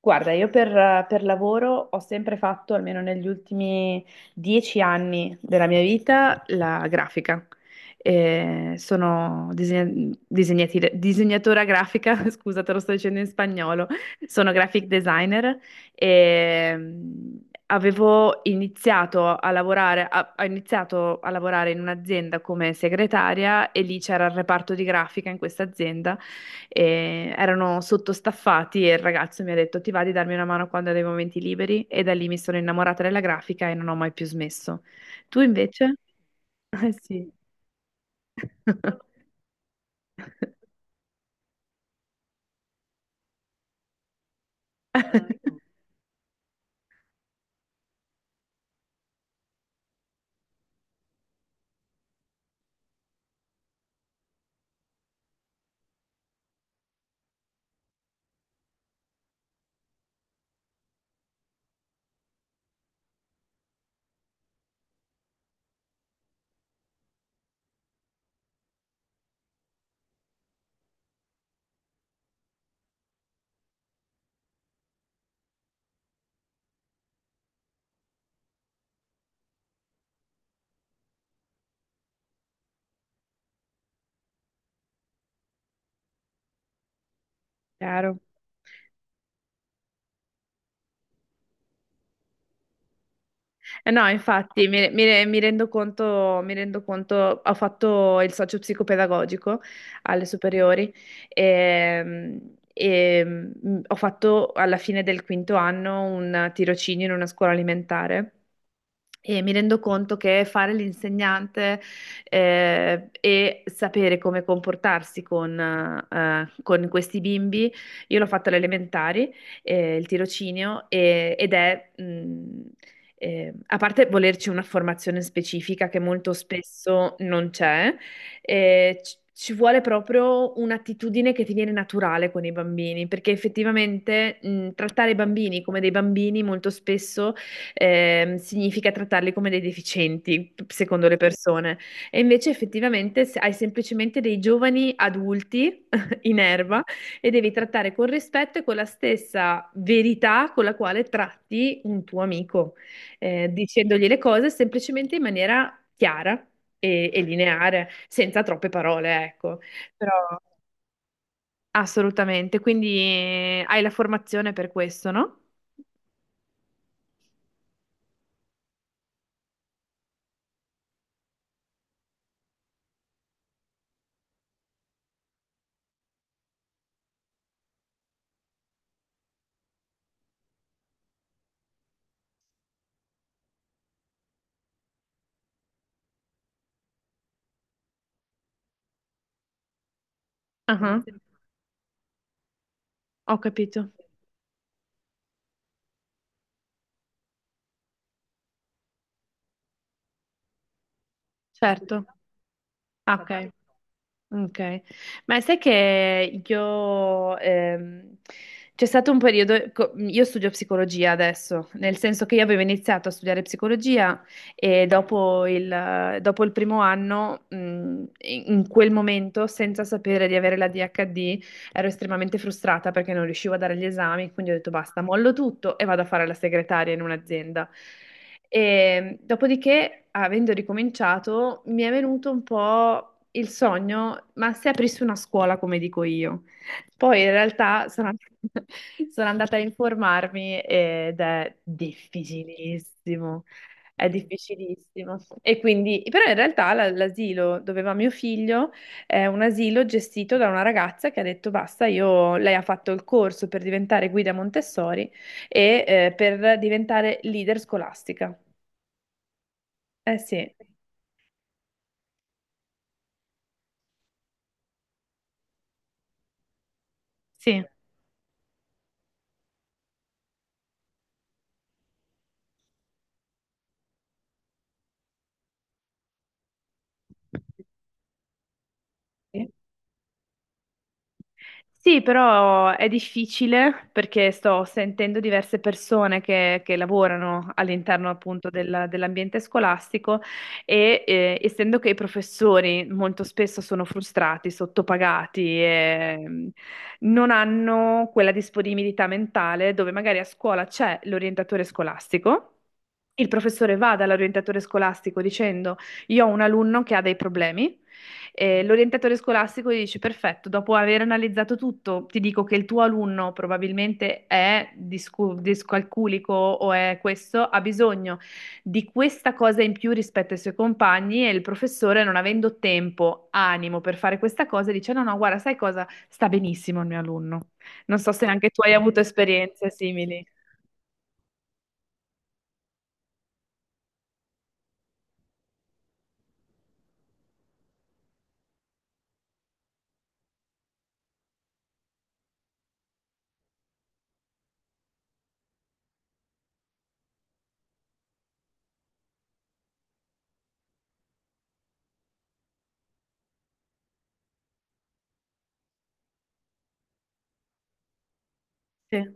Guarda, io per lavoro ho sempre fatto, almeno negli ultimi 10 anni della mia vita, la grafica. Sono disegnatora grafica, scusa, te lo sto dicendo in spagnolo, sono graphic designer e avevo iniziato a lavorare, ho iniziato a lavorare in un'azienda come segretaria e lì c'era il reparto di grafica in questa azienda e erano sottostaffati e il ragazzo mi ha detto ti va di darmi una mano quando ho dei momenti liberi e da lì mi sono innamorata della grafica e non ho mai più smesso. Tu invece? Eh sì. Chiaro. Eh no, infatti, mi rendo conto, ho fatto il socio psicopedagogico alle superiori e, ho fatto alla fine del quinto anno un tirocinio in una scuola alimentare. E mi rendo conto che fare l'insegnante, e sapere come comportarsi con questi bimbi, io l'ho fatto alle elementari, il tirocinio, ed è, a parte volerci una formazione specifica che molto spesso non c'è, ci vuole proprio un'attitudine che ti viene naturale con i bambini, perché effettivamente, trattare i bambini come dei bambini molto spesso significa trattarli come dei deficienti, secondo le persone. E invece effettivamente hai semplicemente dei giovani adulti in erba e devi trattare con rispetto e con la stessa verità con la quale tratti un tuo amico, dicendogli le cose semplicemente in maniera chiara e lineare, senza troppe parole, ecco. Però assolutamente, quindi hai la formazione per questo, no? Ah, ho capito, certo. Ah, ok, ok. Ma sai che io, c'è stato un periodo, io studio psicologia adesso, nel senso che io avevo iniziato a studiare psicologia e dopo il primo anno, in quel momento, senza sapere di avere la DHD, ero estremamente frustrata perché non riuscivo a dare gli esami, quindi ho detto basta, mollo tutto e vado a fare la segretaria in un'azienda. E dopodiché, avendo ricominciato, mi è venuto un po' il sogno, ma se aprissi una scuola, come dico io. Poi in realtà sono andata a informarmi ed è difficilissimo, è difficilissimo. E quindi, però in realtà l'asilo dove va mio figlio è un asilo gestito da una ragazza che ha detto basta, io, lei ha fatto il corso per diventare guida Montessori e, per diventare leader scolastica. Eh sì. Sì. Sì. Sì, però è difficile perché sto sentendo diverse persone che lavorano all'interno appunto dell'ambiente scolastico e, essendo che i professori molto spesso sono frustrati, sottopagati e non hanno quella disponibilità mentale dove magari a scuola c'è l'orientatore scolastico. Il professore va dall'orientatore scolastico dicendo: io ho un alunno che ha dei problemi. L'orientatore scolastico gli dice: Perfetto, dopo aver analizzato tutto, ti dico che il tuo alunno probabilmente è discalculico o è questo, ha bisogno di questa cosa in più rispetto ai suoi compagni. E il professore, non avendo tempo, animo per fare questa cosa, dice: No, no, guarda, sai cosa? Sta benissimo il mio alunno. Non so se anche tu hai avuto esperienze simili. Sì,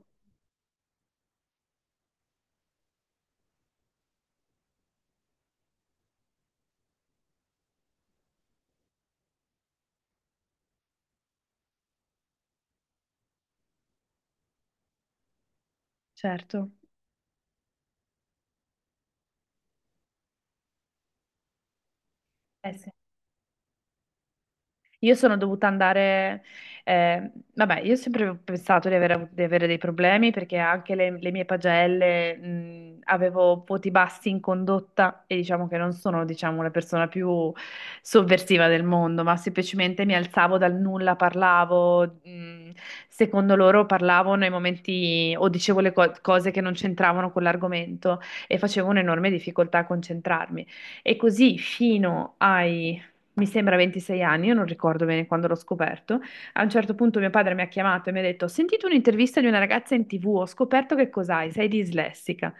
certo. Eh sì. Io sono dovuta andare, vabbè, io ho sempre pensato di avere, di avere dei problemi perché anche le mie pagelle, avevo voti bassi in condotta e diciamo che non sono, diciamo, la persona più sovversiva del mondo, ma semplicemente mi alzavo dal nulla, parlavo, secondo loro parlavo nei momenti o dicevo cose che non c'entravano con l'argomento e facevo un'enorme difficoltà a concentrarmi. E così fino ai, mi sembra, 26 anni, io non ricordo bene quando l'ho scoperto. A un certo punto mio padre mi ha chiamato e mi ha detto: Ho sentito un'intervista di una ragazza in TV, ho scoperto che cos'hai, sei dislessica.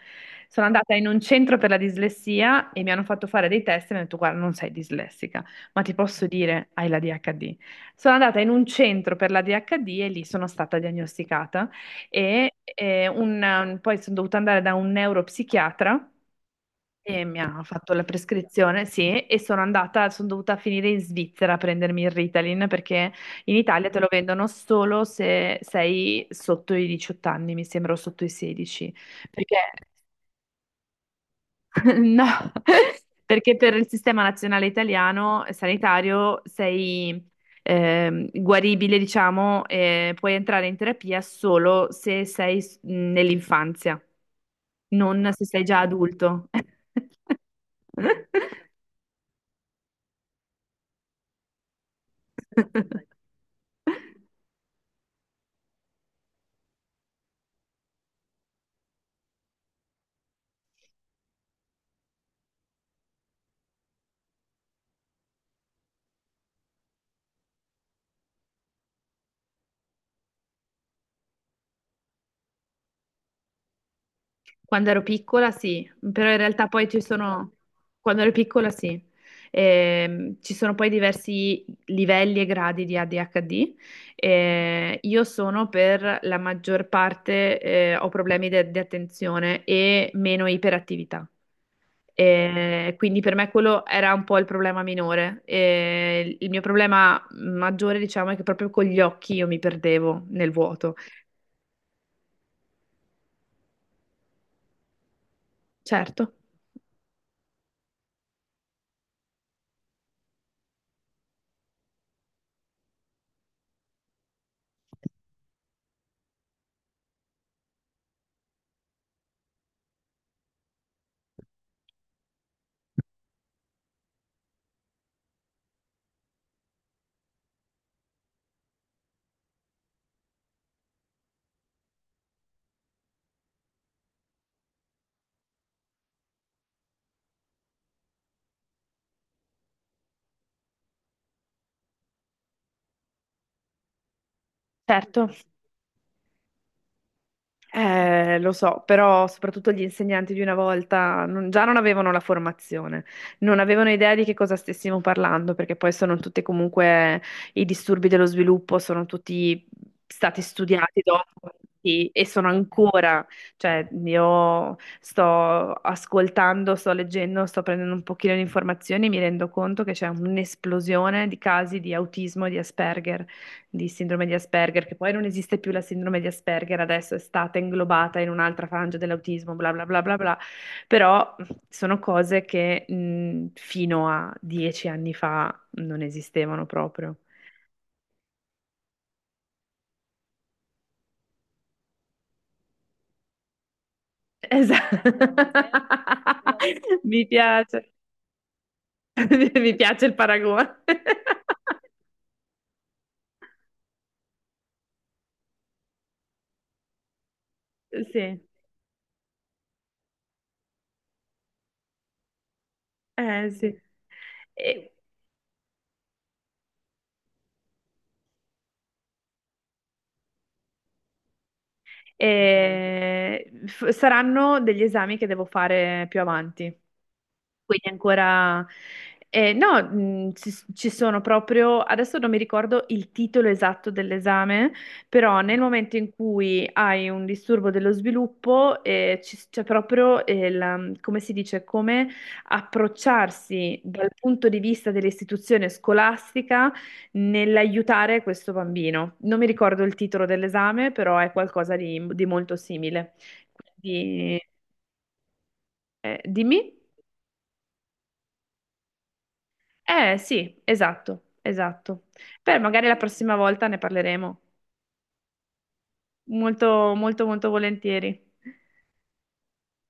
Sono andata in un centro per la dislessia e mi hanno fatto fare dei test e mi hanno detto: Guarda, non sei dislessica, ma ti posso dire, hai la DHD. Sono andata in un centro per la DHD e lì sono stata diagnosticata e, poi sono dovuta andare da un neuropsichiatra e mi ha fatto la prescrizione, sì, e sono andata, sono dovuta finire in Svizzera a prendermi il Ritalin perché in Italia te lo vendono solo se sei sotto i 18 anni, mi sembra, o sotto i 16, perché no, perché per il sistema nazionale italiano, sanitario sei, guaribile, diciamo, e puoi entrare in terapia solo se sei nell'infanzia, non se sei già adulto. Quando ero piccola sì, però in realtà poi ci sono, quando ero piccola sì. Ci sono poi diversi livelli e gradi di ADHD. Io sono per la maggior parte, ho problemi di attenzione e meno iperattività. Quindi per me quello era un po' il problema minore. Il mio problema maggiore, diciamo, è che proprio con gli occhi io mi perdevo nel vuoto. Certo, certo. Lo so, però soprattutto gli insegnanti di una volta, già non avevano la formazione, non avevano idea di che cosa stessimo parlando, perché poi sono tutti comunque i disturbi dello sviluppo, sono tutti stati studiati dopo. Sì, e sono ancora, cioè io sto ascoltando, sto leggendo, sto prendendo un pochino di informazioni e mi rendo conto che c'è un'esplosione di casi di autismo e di Asperger, di sindrome di Asperger, che poi non esiste più la sindrome di Asperger, adesso è stata inglobata in un'altra frangia dell'autismo, bla bla bla bla bla, però sono cose che, fino a 10 anni fa non esistevano proprio. Esatto. Mi piace, mi piace il paragone. Sì, sì. E- saranno degli esami che devo fare più avanti. Quindi ancora... no, ci sono proprio... Adesso non mi ricordo il titolo esatto dell'esame, però nel momento in cui hai un disturbo dello sviluppo, c'è proprio, come si dice, come approcciarsi dal punto di vista dell'istituzione scolastica nell'aiutare questo bambino. Non mi ricordo il titolo dell'esame, però è qualcosa di molto simile. Quindi, dimmi. Eh sì, esatto, esatto. Beh, magari la prossima volta ne parleremo. Molto, molto, molto volentieri.